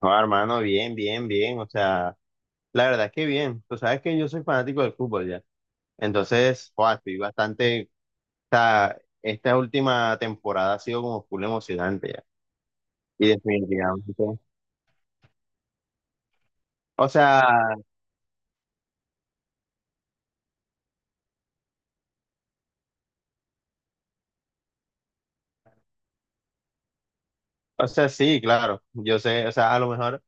No, hermano, bien, bien, bien. O sea, la verdad es que bien. Tú sabes que yo soy fanático del fútbol ya. Entonces, joa, estoy bastante. O sea, esta última temporada ha sido como full emocionante ya. Y definitivamente. O sea, o sea, sí, claro. Yo sé, o sea, a lo mejor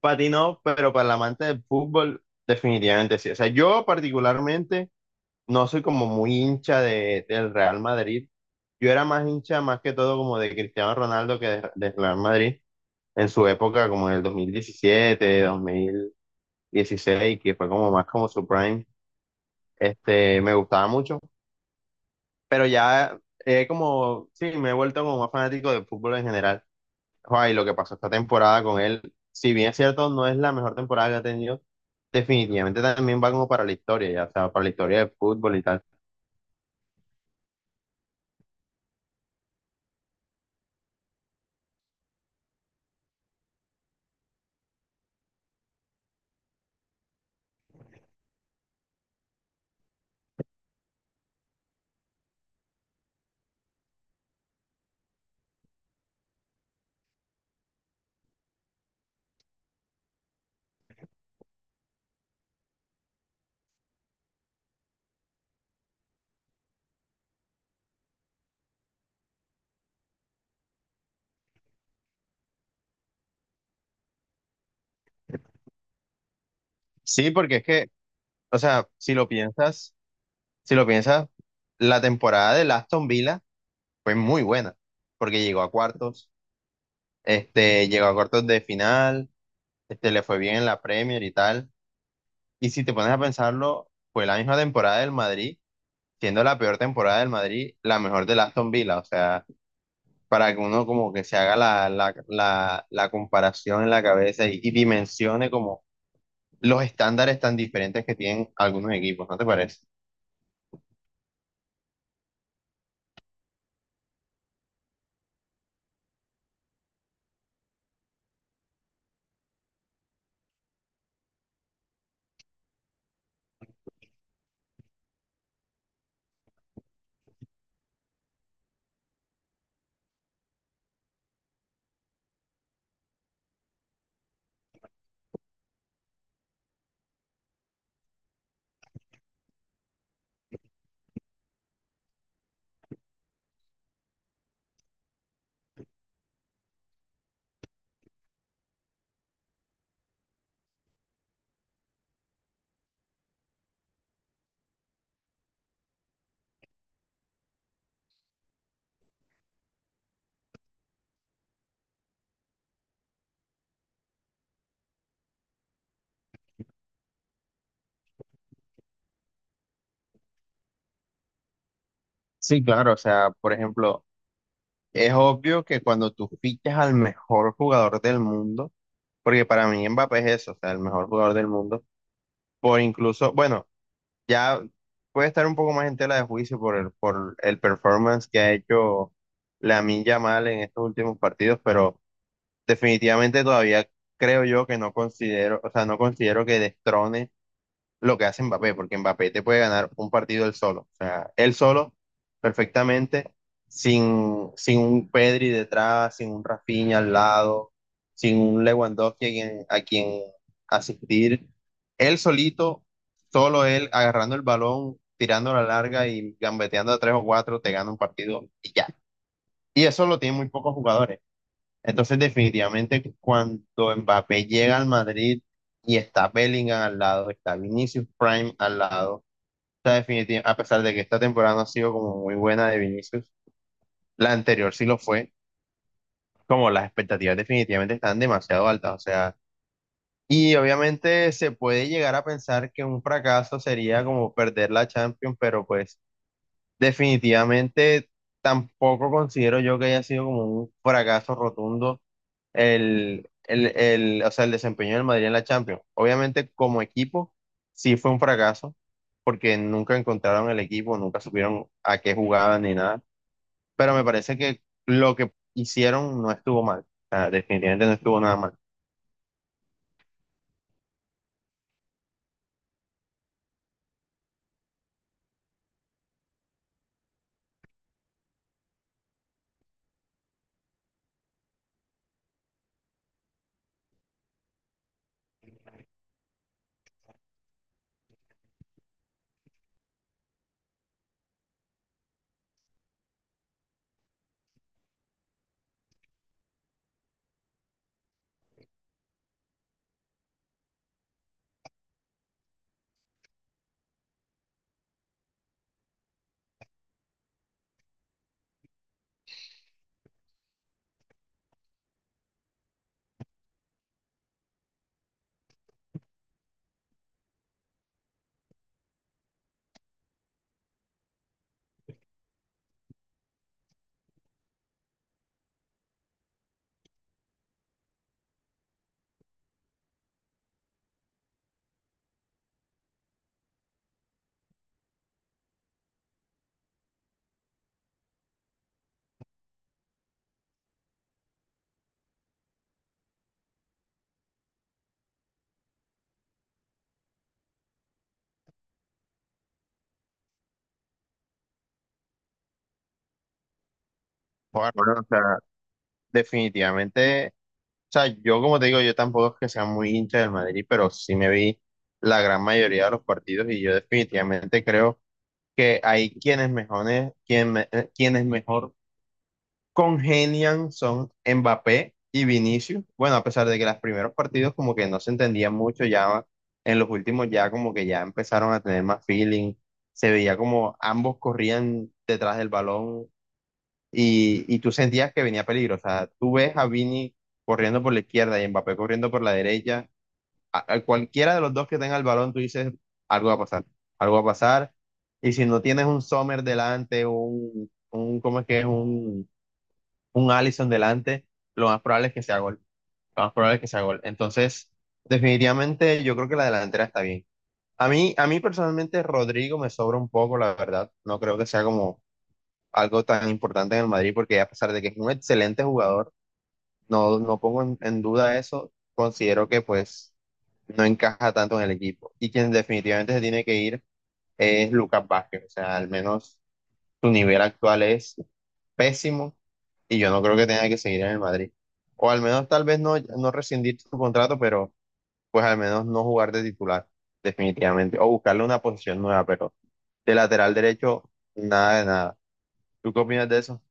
para ti no, pero para el amante del fútbol, definitivamente sí. O sea, yo particularmente no soy como muy hincha del Real Madrid. Yo era más hincha, más que todo, como de Cristiano Ronaldo que del Real Madrid. En su época, como en el 2017, 2016, que fue como más como su prime, me gustaba mucho, pero ya sí, me he vuelto como más fanático del fútbol en general. Joder, y lo que pasó esta temporada con él, si bien es cierto, no es la mejor temporada que ha tenido, definitivamente también va como para la historia, ya, o sea, para la historia del fútbol y tal. Sí, porque es que, o sea, si lo piensas, si lo piensas, la temporada del Aston Villa fue muy buena, porque llegó a cuartos llegó a cuartos de final, le fue bien en la Premier y tal. Y si te pones a pensarlo, fue la misma temporada del Madrid, siendo la peor temporada del Madrid, la mejor del Aston Villa. O sea, para que uno como que se haga la comparación en la cabeza y dimensione como los estándares tan diferentes que tienen algunos equipos, ¿no te parece? Sí, claro, o sea, por ejemplo, es obvio que cuando tú fichas al mejor jugador del mundo, porque para mí Mbappé es eso, o sea, el mejor jugador del mundo por incluso, bueno, ya puede estar un poco más en tela de juicio por por el performance que ha hecho Lamine Yamal en estos últimos partidos, pero definitivamente todavía creo yo que no considero, o sea, no considero que destrone lo que hace Mbappé, porque Mbappé te puede ganar un partido él solo, o sea, él solo perfectamente, sin un Pedri detrás, sin un Rafinha al lado, sin un Lewandowski a quien asistir, él solito, solo él agarrando el balón, tirando la larga y gambeteando a tres o cuatro, te gana un partido y ya. Y eso lo tienen muy pocos jugadores. Entonces, definitivamente, cuando Mbappé llega al Madrid y está Bellingham al lado, está Vinicius Prime al lado, está a pesar de que esta temporada no ha sido como muy buena de Vinicius, la anterior sí lo fue, como las expectativas definitivamente están demasiado altas, o sea, y obviamente se puede llegar a pensar que un fracaso sería como perder la Champions, pero pues definitivamente tampoco considero yo que haya sido como un fracaso rotundo o sea, el desempeño del Madrid en la Champions. Obviamente, como equipo, sí fue un fracaso, porque nunca encontraron el equipo, nunca supieron a qué jugaban ni nada. Pero me parece que lo que hicieron no estuvo mal. O sea, definitivamente no estuvo nada mal. Joder, bueno, o sea, definitivamente, o sea, yo como te digo, yo tampoco es que sea muy hincha del Madrid, pero sí me vi la gran mayoría de los partidos y yo definitivamente creo que hay quienes mejores, quienes mejor congenian son Mbappé y Vinicius. Bueno, a pesar de que los primeros partidos como que no se entendían mucho, ya en los últimos ya como que ya empezaron a tener más feeling. Se veía como ambos corrían detrás del balón y tú sentías que venía peligro. O sea, tú ves a Vini corriendo por la izquierda y Mbappé corriendo por la derecha. A cualquiera de los dos que tenga el balón, tú dices, algo va a pasar, algo va a pasar. Y si no tienes un Sommer delante, un ¿cómo es que es? Un Alisson delante, lo más probable es que sea gol. Lo más probable es que sea gol. Entonces, definitivamente yo creo que la delantera está bien. A mí personalmente Rodrigo me sobra un poco, la verdad. No creo que sea como algo tan importante en el Madrid, porque a pesar de que es un excelente jugador, no, no pongo en duda eso. Considero que pues no encaja tanto en el equipo. Y quien definitivamente se tiene que ir es Lucas Vázquez. O sea, al menos su nivel actual es pésimo y yo no creo que tenga que seguir en el Madrid. O al menos tal vez no rescindir su contrato, pero pues al menos no jugar de titular, definitivamente. O buscarle una posición nueva, pero de lateral derecho, nada de nada. ¿Tú qué opinas de eso?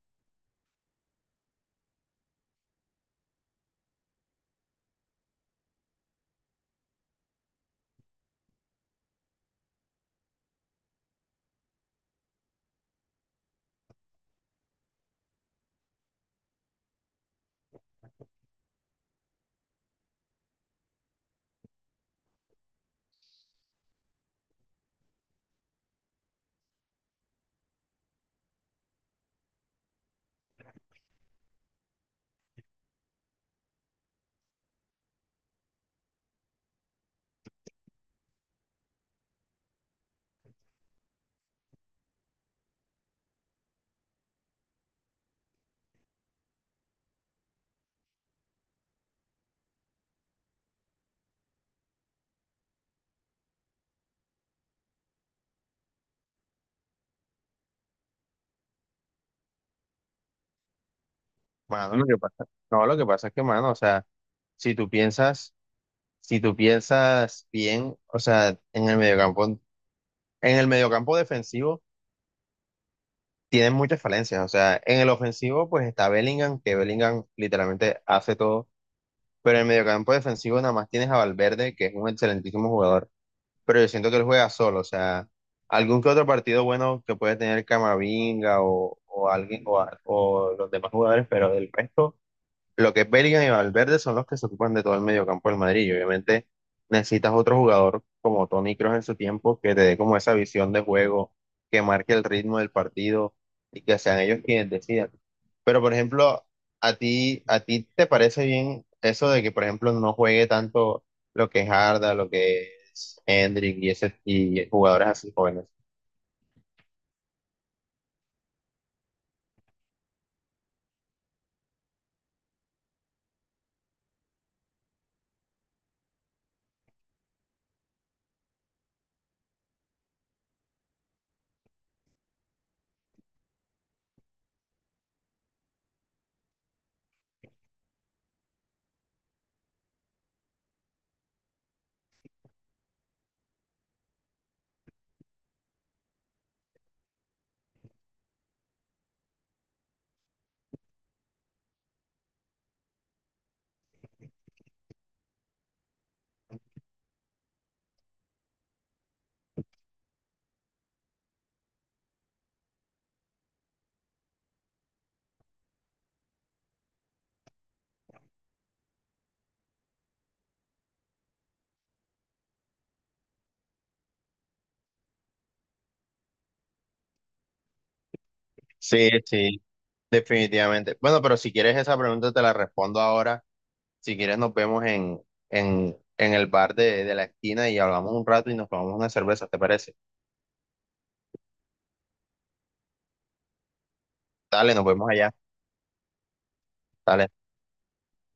Mano, lo que pasa, no, lo que pasa es que, mano, o sea, si tú piensas, bien, o sea, en el mediocampo defensivo tienen muchas falencias. O sea, en el ofensivo, pues está Bellingham, que Bellingham literalmente hace todo. Pero en el mediocampo defensivo nada más tienes a Valverde, que es un excelentísimo jugador, pero yo siento que él juega solo, o sea, algún que otro partido bueno que puede tener Camavinga o alguien o los demás jugadores, pero del resto lo que es Bellingham y Valverde son los que se ocupan de todo el mediocampo del Madrid. Y obviamente necesitas otro jugador como Toni Kroos en su tiempo que te dé como esa visión de juego, que marque el ritmo del partido y que sean ellos quienes decidan. Pero por ejemplo, a ti te parece bien eso de que por ejemplo no juegue tanto lo que es Arda, lo que es Hendrik y ese y jugadores así jóvenes. Sí, sí, definitivamente. Bueno, pero si quieres esa pregunta te la respondo ahora. Si quieres, nos vemos en el bar de la esquina y hablamos un rato y nos tomamos una cerveza, ¿te parece? Dale, nos vemos allá. Dale.